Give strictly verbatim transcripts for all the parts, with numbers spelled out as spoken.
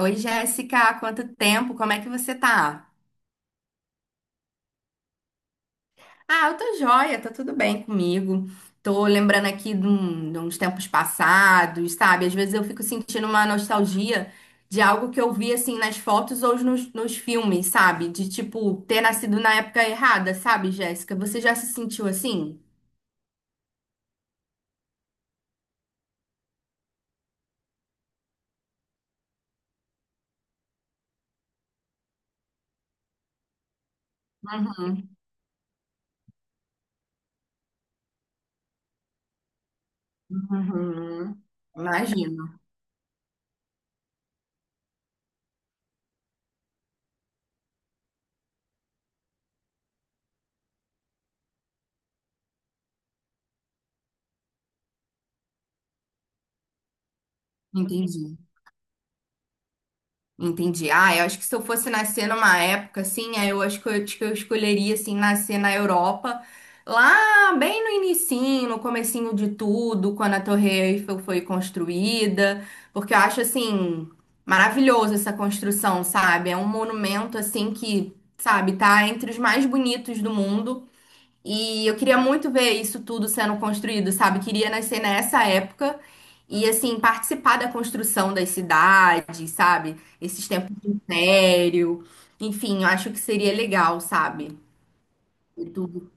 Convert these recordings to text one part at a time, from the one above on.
Oi, Jéssica, há quanto tempo? Como é que você tá? Ah, eu tô joia, tá tudo bem comigo. Tô lembrando aqui de, um- de uns tempos passados, sabe? Às vezes eu fico sentindo uma nostalgia de algo que eu vi assim nas fotos ou nos, nos filmes, sabe? De tipo ter nascido na época errada, sabe, Jéssica? Você já se sentiu assim? Uhum, uhum. Imagino, entendi. Entendi. Ah, eu acho que se eu fosse nascer numa época assim, aí eu acho que eu, acho que eu escolheria assim nascer na Europa, lá bem no inicinho, no comecinho de tudo, quando a Torre Eiffel foi construída, porque eu acho assim maravilhoso essa construção, sabe? É um monumento assim que, sabe, tá entre os mais bonitos do mundo. E eu queria muito ver isso tudo sendo construído, sabe? Queria nascer nessa época e, assim, participar da construção das cidades, sabe? Esses tempos de império. Enfim, eu acho que seria legal, sabe? E tudo.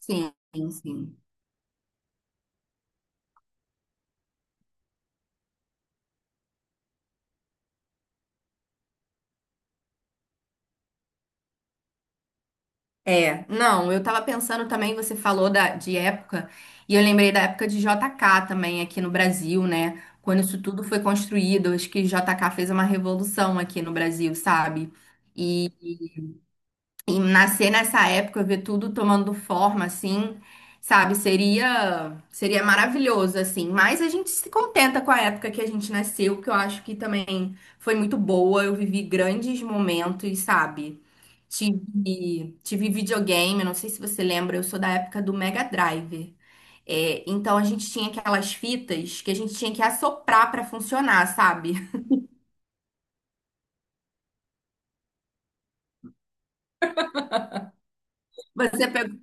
Sim, sim. É, não, eu tava pensando também, você falou da, de época, e eu lembrei da época de J K também aqui no Brasil, né? Quando isso tudo foi construído, acho que J K fez uma revolução aqui no Brasil, sabe? E nascer nessa época, ver tudo tomando forma, assim, sabe? Seria, seria maravilhoso, assim. Mas a gente se contenta com a época que a gente nasceu, que eu acho que também foi muito boa. Eu vivi grandes momentos, sabe? Tive, tive videogame, não sei se você lembra, eu sou da época do Mega Drive. É, então a gente tinha aquelas fitas que a gente tinha que assoprar pra funcionar, sabe? Você pegou?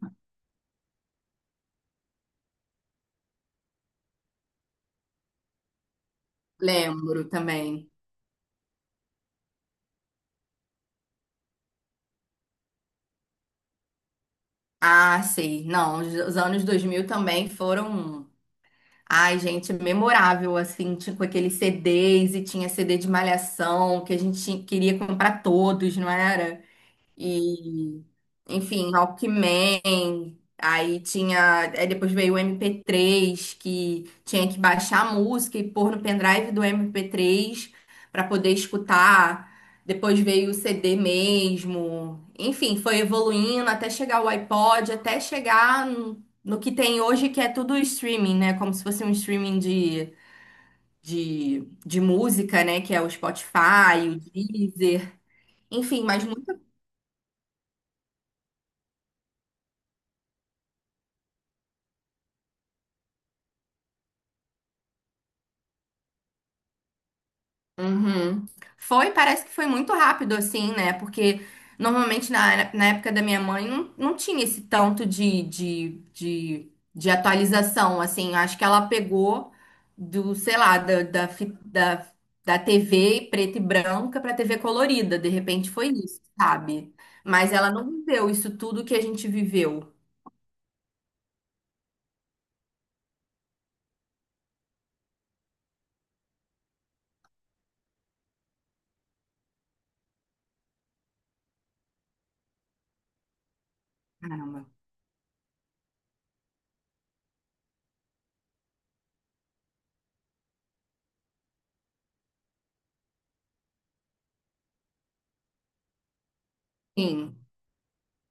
Lembro também. Ah, sei. Não, os os anos dois mil também foram, ai, gente, memorável, assim, tinha com aqueles C Ds e tinha C D de Malhação que a gente tinha- queria comprar todos, não era? E, enfim, Walkman. Aí tinha. Aí depois veio o M P três, que tinha que baixar a música e pôr no pendrive do M P três para poder escutar. Depois veio o C D mesmo. Enfim, foi evoluindo até chegar o iPod, até chegar no no que tem hoje, que é tudo streaming, né? Como se fosse um streaming de, de, de música, né? Que é o Spotify, o Deezer. Enfim, mas uhum. Foi, parece que foi muito rápido assim, né? Porque normalmente na, na época da minha mãe não, não tinha esse tanto de, de, de, de atualização, assim. Acho que ela pegou do, sei lá, da, da, fi- da, da T V preta e branca para T V colorida. De repente foi isso, sabe? Mas ela não viveu isso tudo que a gente viveu. Caramba. Sim.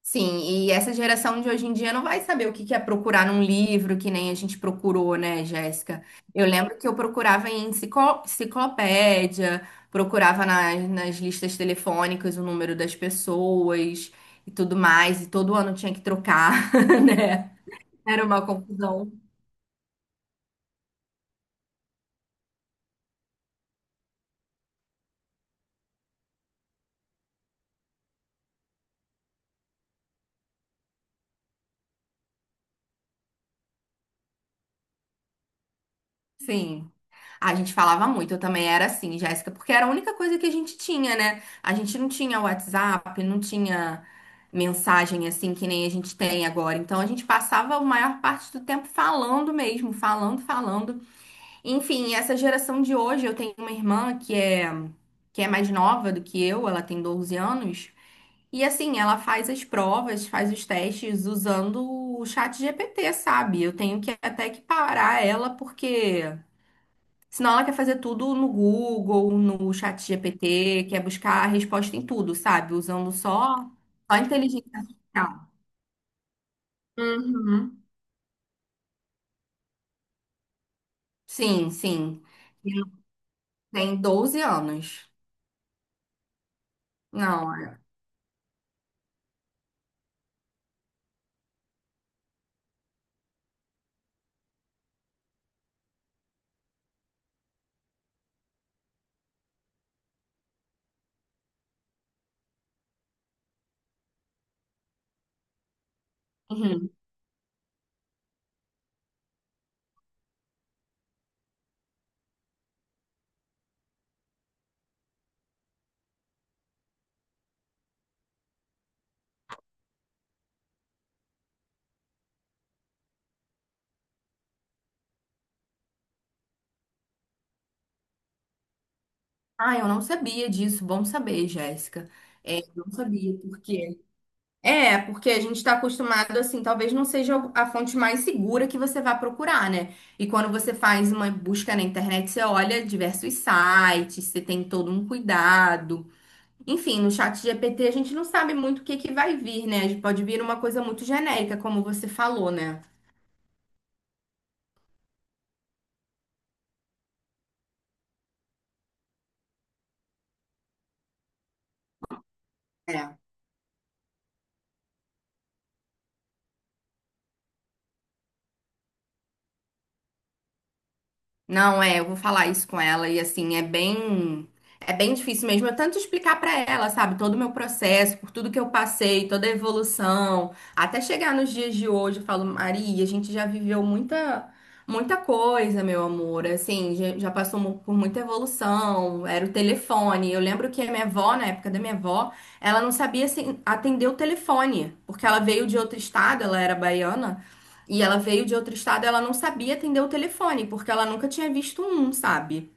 Sim, e essa geração de hoje em dia não vai saber o que que é procurar num livro, que nem a gente procurou, né, Jéssica? Eu lembro que eu procurava em enciclo- enciclopédia, procurava nas, nas listas telefônicas o número das pessoas e tudo mais, e todo ano tinha que trocar, né? Era uma confusão. Sim. A gente falava muito, eu também era assim, Jéssica, porque era a única coisa que a gente tinha, né? A gente não tinha WhatsApp, não tinha mensagem assim que nem a gente tem agora. Então a gente passava a maior parte do tempo falando mesmo, falando, falando. Enfim, essa geração de hoje, eu tenho uma irmã que é que é mais nova do que eu, ela tem doze anos, e assim, ela faz as provas, faz os testes usando o chat G P T, sabe? Eu tenho que até que parar ela porque senão ela quer fazer tudo no Google, no chat G P T, quer buscar a resposta em tudo, sabe? Usando só, só inteligência artificial. Uhum. Sim, sim. E ela tem doze anos. Não, é- uhum. Ah, eu não sabia disso. Bom saber, Jéssica. É, eu não sabia, porque... É, porque a gente está acostumado, assim, talvez não seja a fonte mais segura que você vá procurar, né? E quando você faz uma busca na internet, você olha diversos sites, você tem todo um cuidado. Enfim, no chat G P T a gente não sabe muito o que que vai vir, né? Pode vir uma coisa muito genérica, como você falou, né? É. Não, é, eu vou falar isso com ela e assim, é bem é bem difícil mesmo. Eu tanto explicar pra ela, sabe, todo o meu processo, por tudo que eu passei, toda a evolução, até chegar nos dias de hoje, eu falo, Maria, a gente já viveu muita muita coisa, meu amor. Assim, já, já passou mu- por muita evolução, era o telefone. Eu lembro que a minha avó, na época da minha avó, ela não sabia assim, atender o telefone, porque ela veio de outro estado, ela era baiana. E ela veio de outro estado, ela não sabia atender o telefone, porque ela nunca tinha visto um, sabe?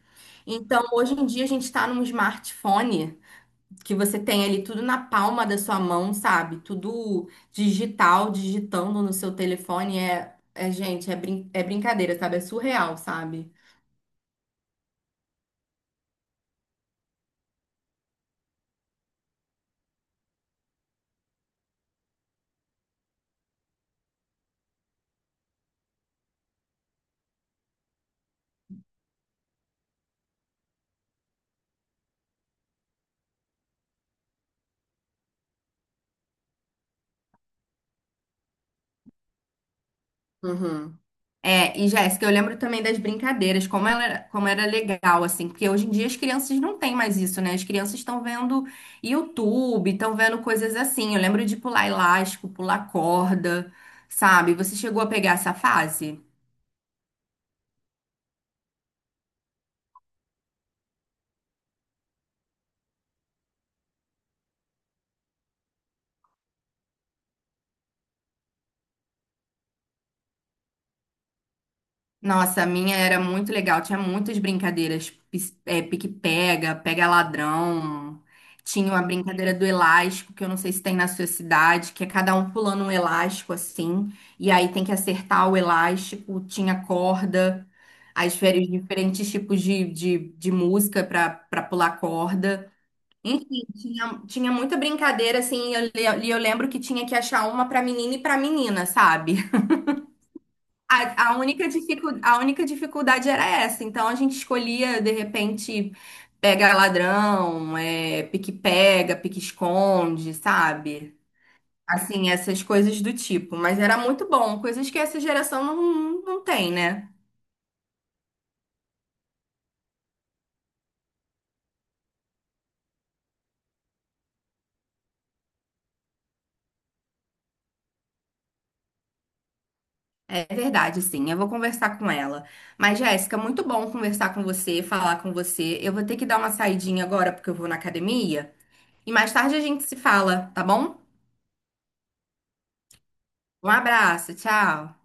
Então, hoje em dia, a gente está num smartphone que você tem ali tudo na palma da sua mão, sabe? Tudo digital, digitando no seu telefone. É, é gente, é, brin é brincadeira, sabe? É surreal, sabe? Uhum. É, e Jéssica, eu lembro também das brincadeiras, como ela, era- como era legal, assim, porque hoje em dia as crianças não têm mais isso, né? As crianças estão vendo YouTube, estão vendo coisas assim. Eu lembro de pular elástico, pular corda, sabe? Você chegou a pegar essa fase? Nossa, a minha era muito legal. Tinha muitas brincadeiras. pis- é, pique-pega, pega-ladrão. Tinha uma brincadeira do elástico, que eu não sei se tem na sua cidade, que é cada um pulando um elástico assim. E aí tem que acertar o elástico. Tinha corda. As férias, diferentes tipos de, de, de música para para pular corda. Enfim, tinha, tinha muita brincadeira assim. E eu, le- e eu lembro que tinha que achar uma para menina e para menina, sabe? A, a única dificu- a única dificuldade era essa. Então a gente escolhia, de repente, pega ladrão, é, pique-pega, pique-esconde, sabe? Assim, essas coisas do tipo. Mas era muito bom, coisas que essa geração não, não tem, né? É verdade, sim. Eu vou conversar com ela. Mas, Jéssica, muito bom conversar com você, falar com você. Eu vou ter que dar uma saidinha agora porque eu vou na academia. E mais tarde a gente se fala, tá bom? Um abraço, tchau.